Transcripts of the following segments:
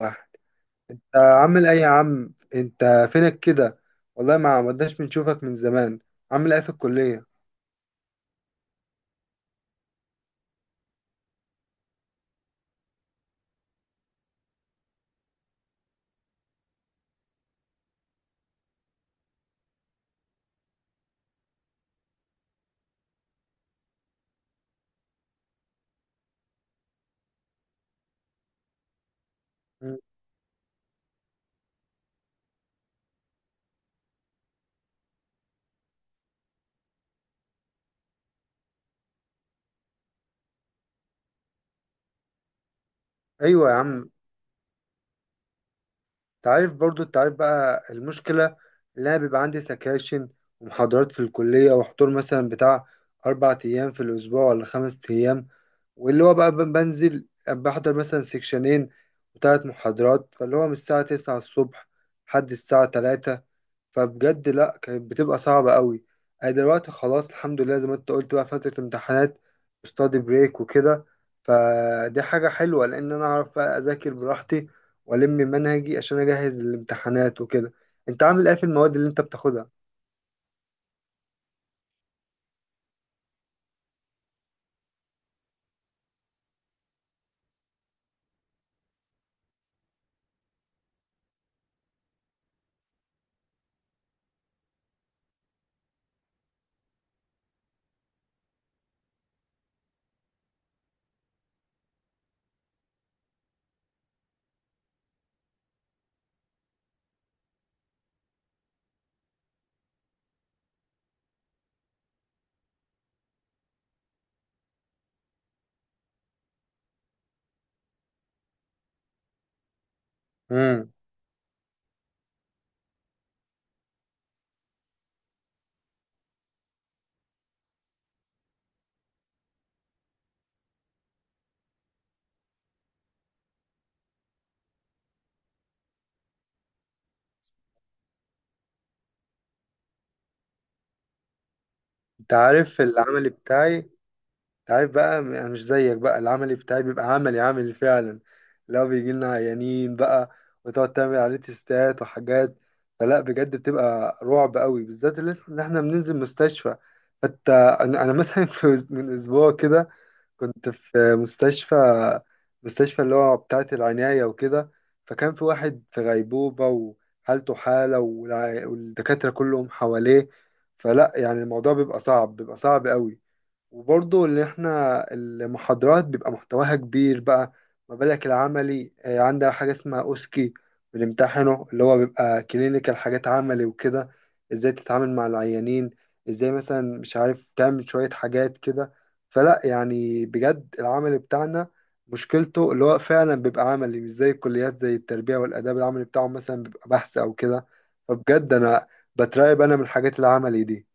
واحد. انت عامل ايه يا عم؟ انت فينك كده؟ والله ما عمدناش بنشوفك من زمان. عامل ايه في الكلية؟ مم. ايوه يا عم. انت عارف برضو، انت عارف بقى المشكلة اللي انا بيبقى عندي سكاشن ومحاضرات في الكلية، وحضور مثلا بتاع 4 ايام في الاسبوع ولا 5 ايام. واللي هو بقى بنزل بحضر مثلا سكشنين وثلاث محاضرات، فاللي هو من الساعة تسعة الصبح لحد الساعة 3. فبجد لا، كانت بتبقى صعبة قوي. أنا دلوقتي خلاص الحمد لله زي ما أنت قلت بقى فترة امتحانات، ستادي بريك وكده. فدي حاجة حلوة لأن أنا أعرف بقى أذاكر براحتي وألم منهجي عشان أجهز الامتحانات وكده. أنت عامل إيه في المواد اللي أنت بتاخدها؟ امم. أنت عارف العمل بتاعي. عارف بقى، أنا مش زيك بقى. العملي بتاعي بيبقى عملي عملي فعلا. لو بيجي لنا عيانين بقى وتقعد تعمل عليه تيستات وحاجات، فلا بجد بتبقى رعب قوي، بالذات اللي احنا بننزل مستشفى. حتى أنا مثلا في من اسبوع كده كنت في مستشفى، مستشفى اللي هو بتاعة العناية وكده. فكان في واحد في غيبوبة وحالته حالة، والدكاترة كلهم حواليه. فلا يعني الموضوع بيبقى صعب، بيبقى صعب قوي. وبرضه اللي احنا المحاضرات بيبقى محتواها كبير بقى. ما بالك العملي؟ عندها حاجة اسمها أوسكي بنمتحنه، اللي هو بيبقى كلينيكال، حاجات عملي وكده. ازاي تتعامل مع العيانين، ازاي مثلا مش عارف تعمل شوية حاجات كده. فلا يعني بجد العمل بتاعنا مشكلته اللي هو فعلا بيبقى عملي، مش زي الكليات زي التربية والآداب، العملي بتاعهم مثلا بيبقى بحث أو كده. فبجد أنا بترعب من الحاجات العملي دي.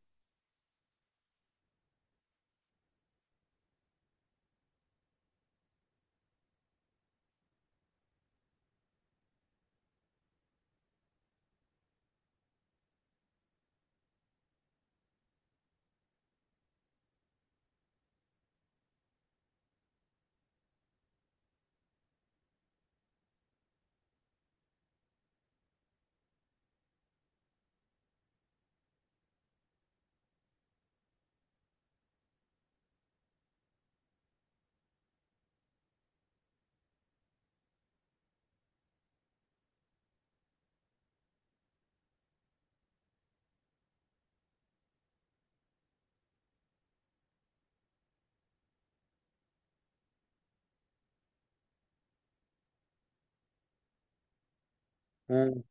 مم.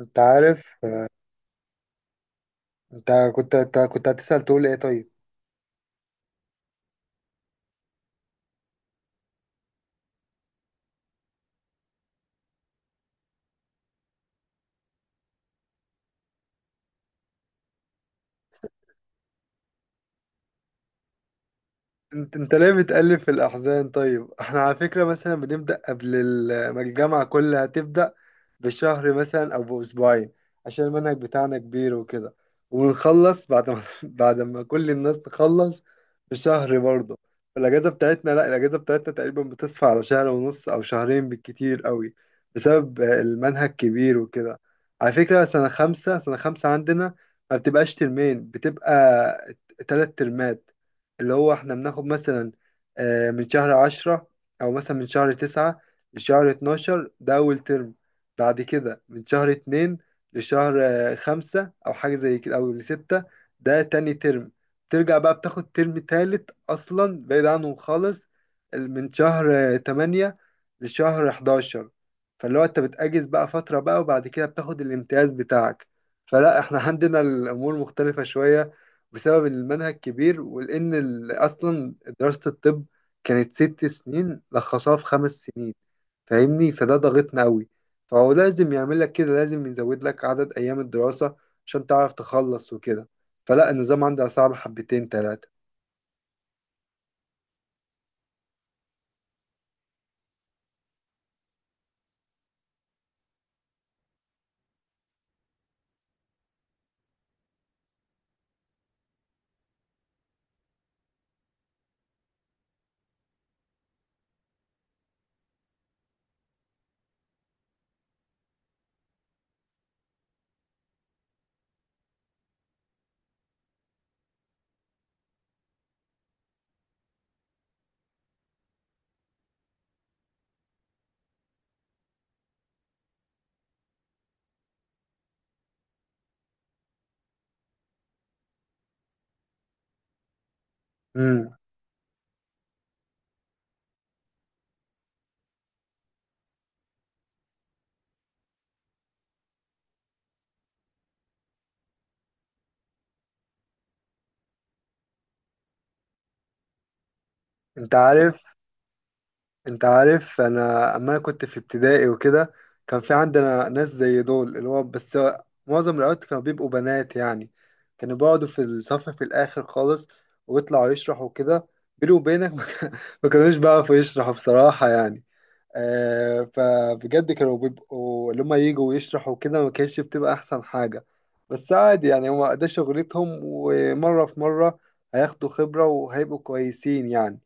انت عارف. انت كنت هتسأل تقول ايه طيب؟ انت ليه بتقلب في الاحزان؟ طيب احنا على فكره مثلا بنبدا قبل ما الجامعه كلها تبدا بشهر مثلا او باسبوعين، عشان المنهج بتاعنا كبير وكده. ونخلص بعد ما بعد ما كل الناس تخلص بشهر برضه. الاجازه بتاعتنا، لا، الاجازه بتاعتنا تقريبا بتصفى على شهر ونص او شهرين بالكتير قوي، بسبب المنهج كبير وكده. على فكره سنه خمسه سنه خمسه عندنا ما بتبقاش ترمين، بتبقى تلات ترمات. اللي هو احنا بناخد مثلا من شهر عشرة او مثلا من شهر تسعة لشهر اتناشر، ده اول ترم. بعد كده من شهر اتنين لشهر خمسة او حاجة زي كده او لستة، ده تاني ترم. ترجع بقى بتاخد ترم تالت اصلا بعيد عنهم خالص، من شهر تمانية لشهر حداشر. فاللي هو انت بتأجز بقى فترة بقى وبعد كده بتاخد الامتياز بتاعك. فلا احنا عندنا الامور مختلفة شوية بسبب المنهج كبير، ولأن أصلا دراسة الطب كانت 6 سنين لخصوها في 5 سنين، فاهمني؟ فده ضغطنا أوي. فهو لازم يعمل لك كده، لازم يزود لك عدد أيام الدراسة عشان تعرف تخلص وكده. فلا النظام عندها صعب حبتين تلاتة. امم. انت عارف انت عارف انا اما كنت في ابتدائي وكده كان في عندنا ناس زي دول. اللي هو بس معظم الوقت كانوا بيبقوا بنات يعني، كانوا بيقعدوا في الصف في الاخر خالص ويطلعوا يشرحوا كده. بيني وبينك ما كانوش بيعرفوا يشرحوا بصراحة يعني. آه، فبجد كانوا بيبقوا اللي هما يجوا ويشرحوا كده، ما كانتش بتبقى احسن حاجة. بس عادي يعني، هما ده شغلتهم، ومرة في مرة هياخدوا خبرة وهيبقوا كويسين يعني.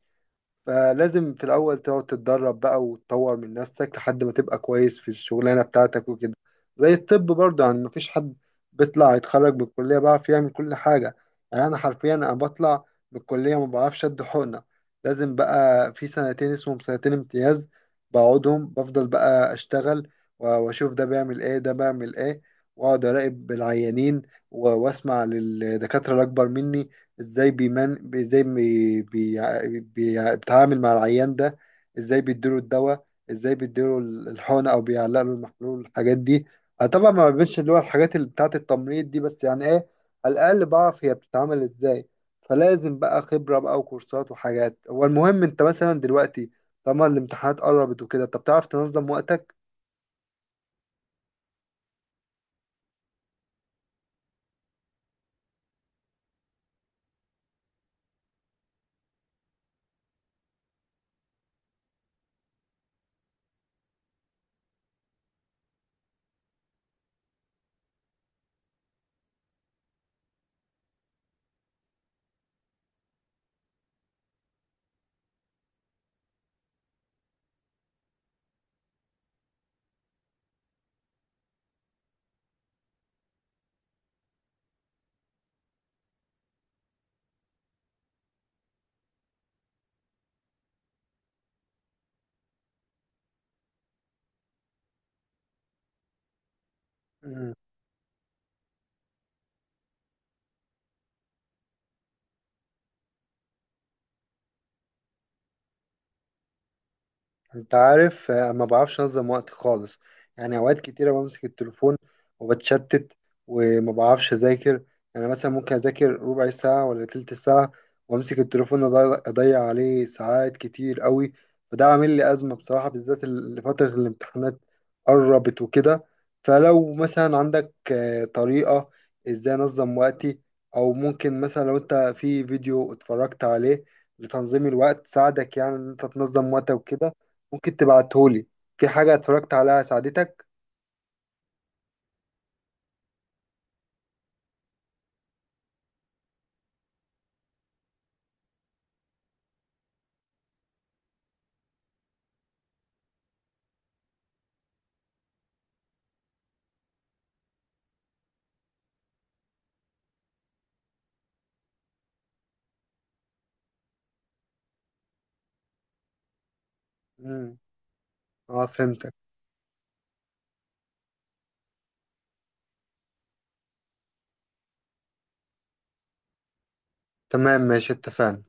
فلازم في الأول تقعد تتدرب بقى وتطور من نفسك لحد ما تبقى كويس في الشغلانة بتاعتك وكده. زي الطب برضه يعني مفيش حد بيطلع يتخرج من الكلية بيعرف يعمل كل حاجة. يعني أنا حرفيا أنا بطلع من الكلية ما بعرفش أد حقنة. لازم بقى في سنتين اسمهم سنتين امتياز بقعدهم بفضل بقى أشتغل، وأشوف ده بيعمل إيه ده بيعمل إيه. وأقعد أراقب العيانين وأسمع للدكاترة الأكبر مني، ازاي بيمن ازاي بيتعامل مع العيان ده، ازاي بيديله الدواء، ازاي بيديله الحقنة، او بيعلق له المحلول، الحاجات دي. أنا طبعا ما بينش اللي هو الحاجات اللي بتاعة التمريض دي، بس يعني ايه، على الاقل بعرف هي بتتعمل ازاي. فلازم بقى خبرة بقى وكورسات وحاجات. هو المهم انت مثلا دلوقتي طالما الامتحانات قربت وكده، طب تعرف تنظم وقتك؟ انت عارف، ما بعرفش انظم وقت خالص. يعني اوقات كتيره بمسك التليفون وبتشتت وما بعرفش اذاكر. يعني مثلا ممكن اذاكر ربع ساعه ولا تلت ساعه، وامسك التليفون اضيع، عليه ساعات كتير قوي. فده عامل لي ازمه بصراحه، بالذات فتره الامتحانات قربت وكده. فلو مثلا عندك طريقه ازاي انظم وقتي، او ممكن مثلا لو انت في فيديو اتفرجت عليه لتنظيم الوقت ساعدك يعني ان انت تنظم وقتك وكده، ممكن تبعتهولي في حاجة اتفرجت عليها ساعدتك. مم. اه، فهمتك. تمام ماشي، اتفقنا.